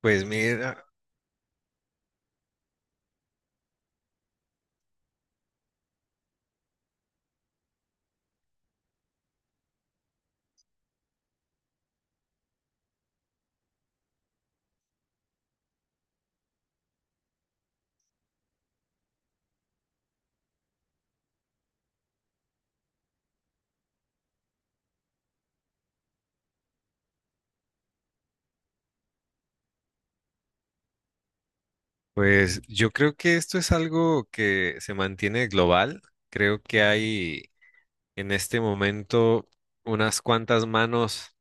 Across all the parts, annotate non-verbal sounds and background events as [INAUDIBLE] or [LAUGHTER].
Pues mira, pues yo creo que esto es algo que se mantiene global. Creo que hay en este momento unas cuantas manos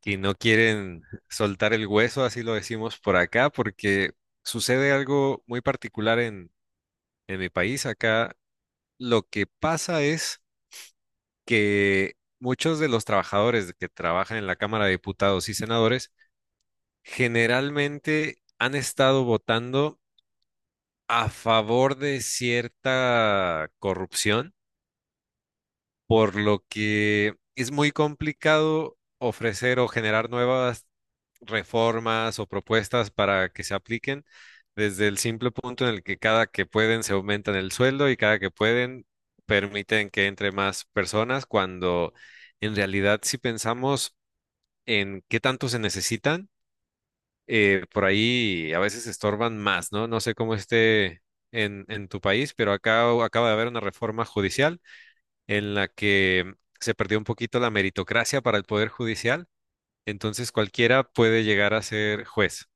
que no quieren soltar el hueso, así lo decimos por acá, porque sucede algo muy particular en mi país. Acá lo que pasa es que muchos de los trabajadores que trabajan en la Cámara de Diputados y Senadores generalmente han estado votando a favor de cierta corrupción, por lo que es muy complicado ofrecer o generar nuevas reformas o propuestas para que se apliquen desde el simple punto en el que cada que pueden se aumentan el sueldo y cada que pueden permiten que entre más personas, cuando en realidad si pensamos en qué tanto se necesitan, por ahí a veces estorban más, ¿no? No sé cómo esté en tu país, pero acá acaba de haber una reforma judicial en la que se perdió un poquito la meritocracia para el poder judicial, entonces cualquiera puede llegar a ser juez.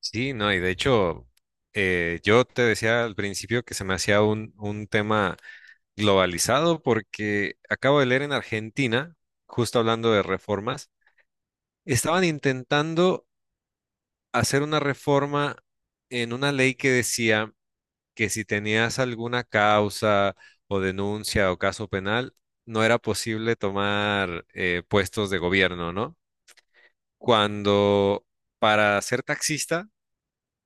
Sí, no, y de hecho, yo te decía al principio que se me hacía un tema globalizado porque acabo de leer en Argentina, justo hablando de reformas, estaban intentando hacer una reforma en una ley que decía que si tenías alguna causa o denuncia o caso penal, no era posible tomar puestos de gobierno, ¿no? Cuando para ser taxista,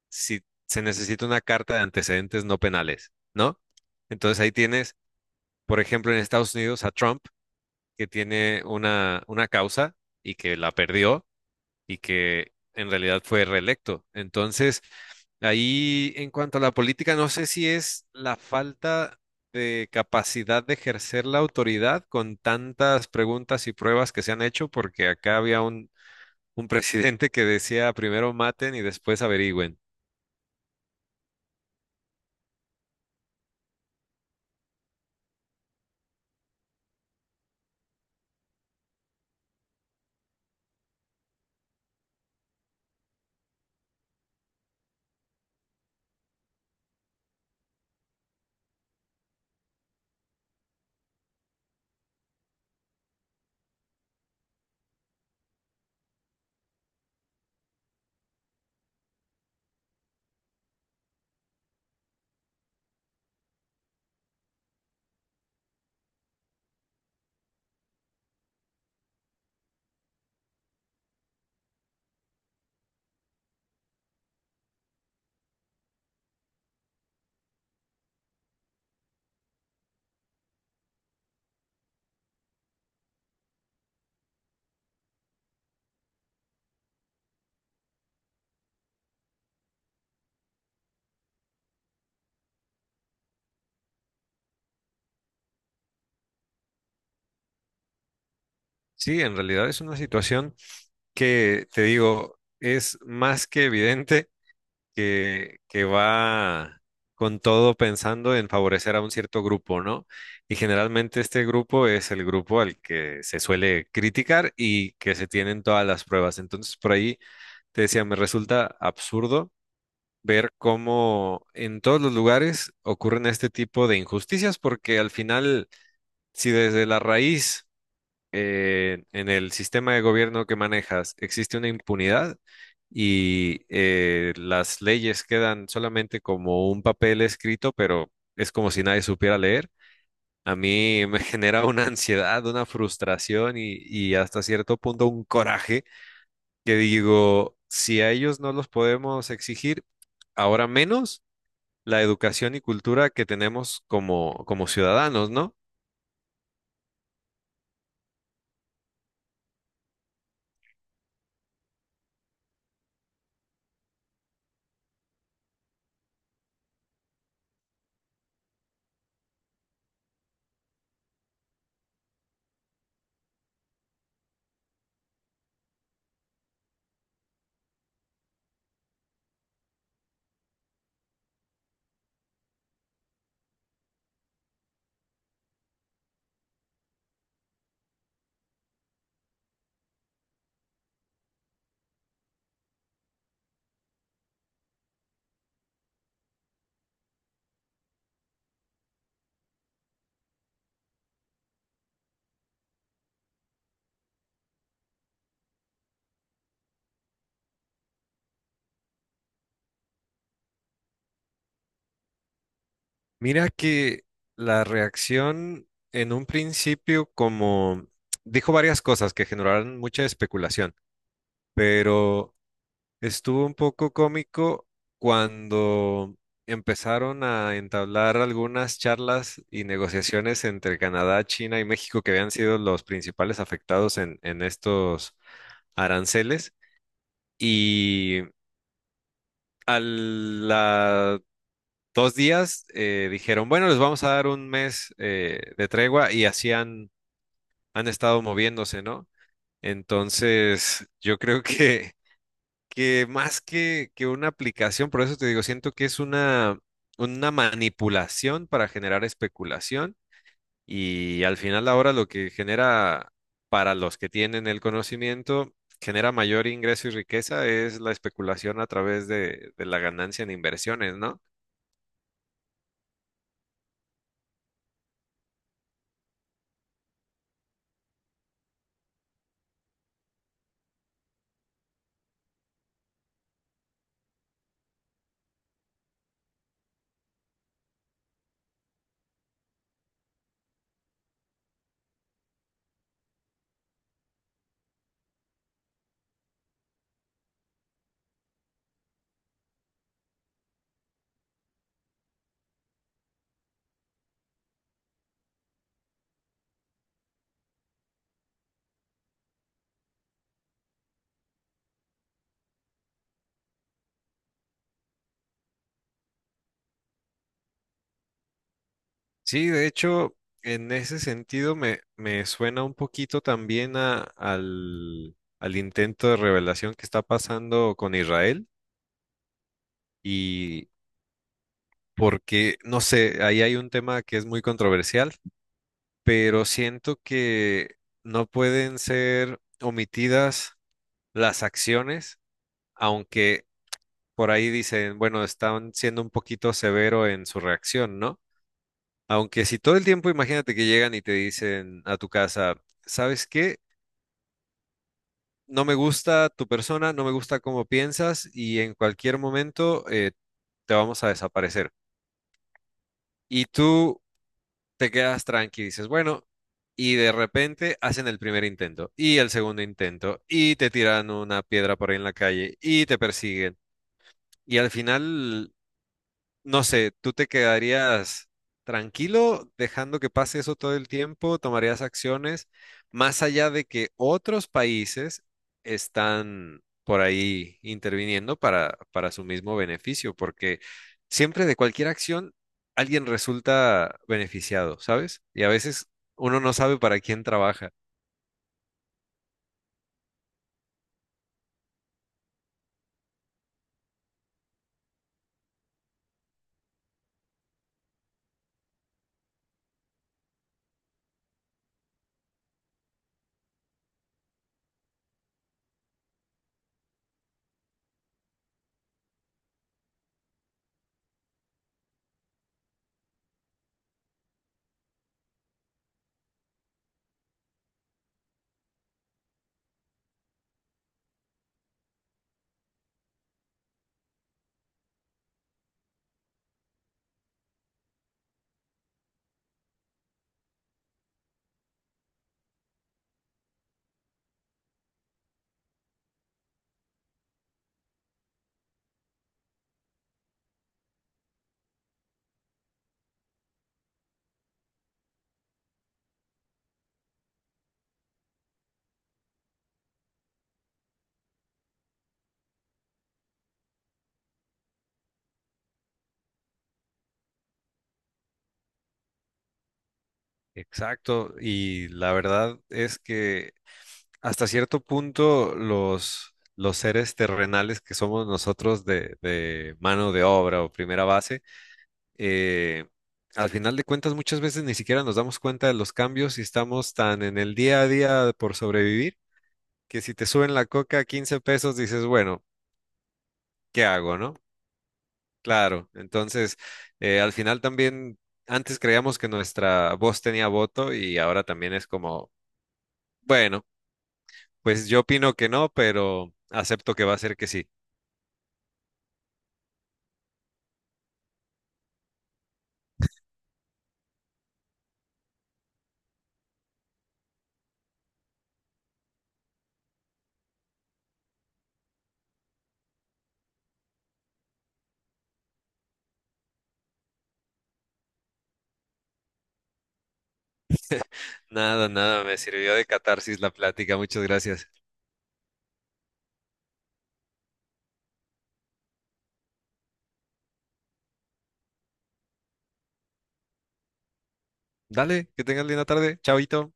si se necesita una carta de antecedentes no penales, ¿no? Entonces ahí tienes, por ejemplo, en Estados Unidos a Trump, que tiene una causa y que la perdió y que en realidad fue reelecto. Entonces, ahí en cuanto a la política, no sé si es la falta de capacidad de ejercer la autoridad con tantas preguntas y pruebas que se han hecho, porque acá había un presidente que decía primero maten y después averigüen. Sí, en realidad es una situación que, te digo, es más que evidente que va con todo pensando en favorecer a un cierto grupo, ¿no? Y generalmente este grupo es el grupo al que se suele criticar y que se tienen todas las pruebas. Entonces, por ahí te decía, me resulta absurdo ver cómo en todos los lugares ocurren este tipo de injusticias, porque al final, si desde la raíz en el sistema de gobierno que manejas existe una impunidad y las leyes quedan solamente como un papel escrito, pero es como si nadie supiera leer. A mí me [LAUGHS] genera una ansiedad, una frustración y hasta cierto punto un coraje que digo, si a ellos no los podemos exigir, ahora menos la educación y cultura que tenemos como, como ciudadanos, ¿no? Mira que la reacción en un principio como dijo varias cosas que generaron mucha especulación, pero estuvo un poco cómico cuando empezaron a entablar algunas charlas y negociaciones entre Canadá, China y México que habían sido los principales afectados en estos aranceles y a la dos días, dijeron, bueno, les vamos a dar un mes de tregua y así han estado moviéndose, ¿no? Entonces, yo creo que más que una aplicación, por eso te digo, siento que es una manipulación para generar especulación y al final ahora lo que genera para los que tienen el conocimiento genera mayor ingreso y riqueza es la especulación a través de la ganancia en inversiones, ¿no? Sí, de hecho, en ese sentido me, me suena un poquito también al intento de revelación que está pasando con Israel y porque, no sé, ahí hay un tema que es muy controversial, pero siento que no pueden ser omitidas las acciones, aunque por ahí dicen, bueno, están siendo un poquito severo en su reacción, ¿no? Aunque si todo el tiempo imagínate que llegan y te dicen a tu casa, ¿sabes qué? No me gusta tu persona, no me gusta cómo piensas y en cualquier momento te vamos a desaparecer. Y tú te quedas tranqui, dices, bueno, y de repente hacen el primer intento y el segundo intento y te tiran una piedra por ahí en la calle y te persiguen. Y al final no sé, ¿tú te quedarías tranquilo dejando que pase eso todo el tiempo? ¿Tomarías acciones más allá de que otros países están por ahí interviniendo para su mismo beneficio? Porque siempre de cualquier acción alguien resulta beneficiado, ¿sabes? Y a veces uno no sabe para quién trabaja. Exacto, y la verdad es que hasta cierto punto los seres terrenales que somos nosotros de mano de obra o primera base, eh, al final de cuentas muchas veces ni siquiera nos damos cuenta de los cambios y estamos tan en el día a día por sobrevivir que si te suben la coca a 15 pesos dices, bueno, ¿qué hago, no? Claro, entonces al final también antes creíamos que nuestra voz tenía voto y ahora también es como... Bueno, pues yo opino que no, pero acepto que va a ser que sí. Nada, nada, me sirvió de catarsis la plática. Muchas gracias. Dale, que tengas linda tarde. Chaito.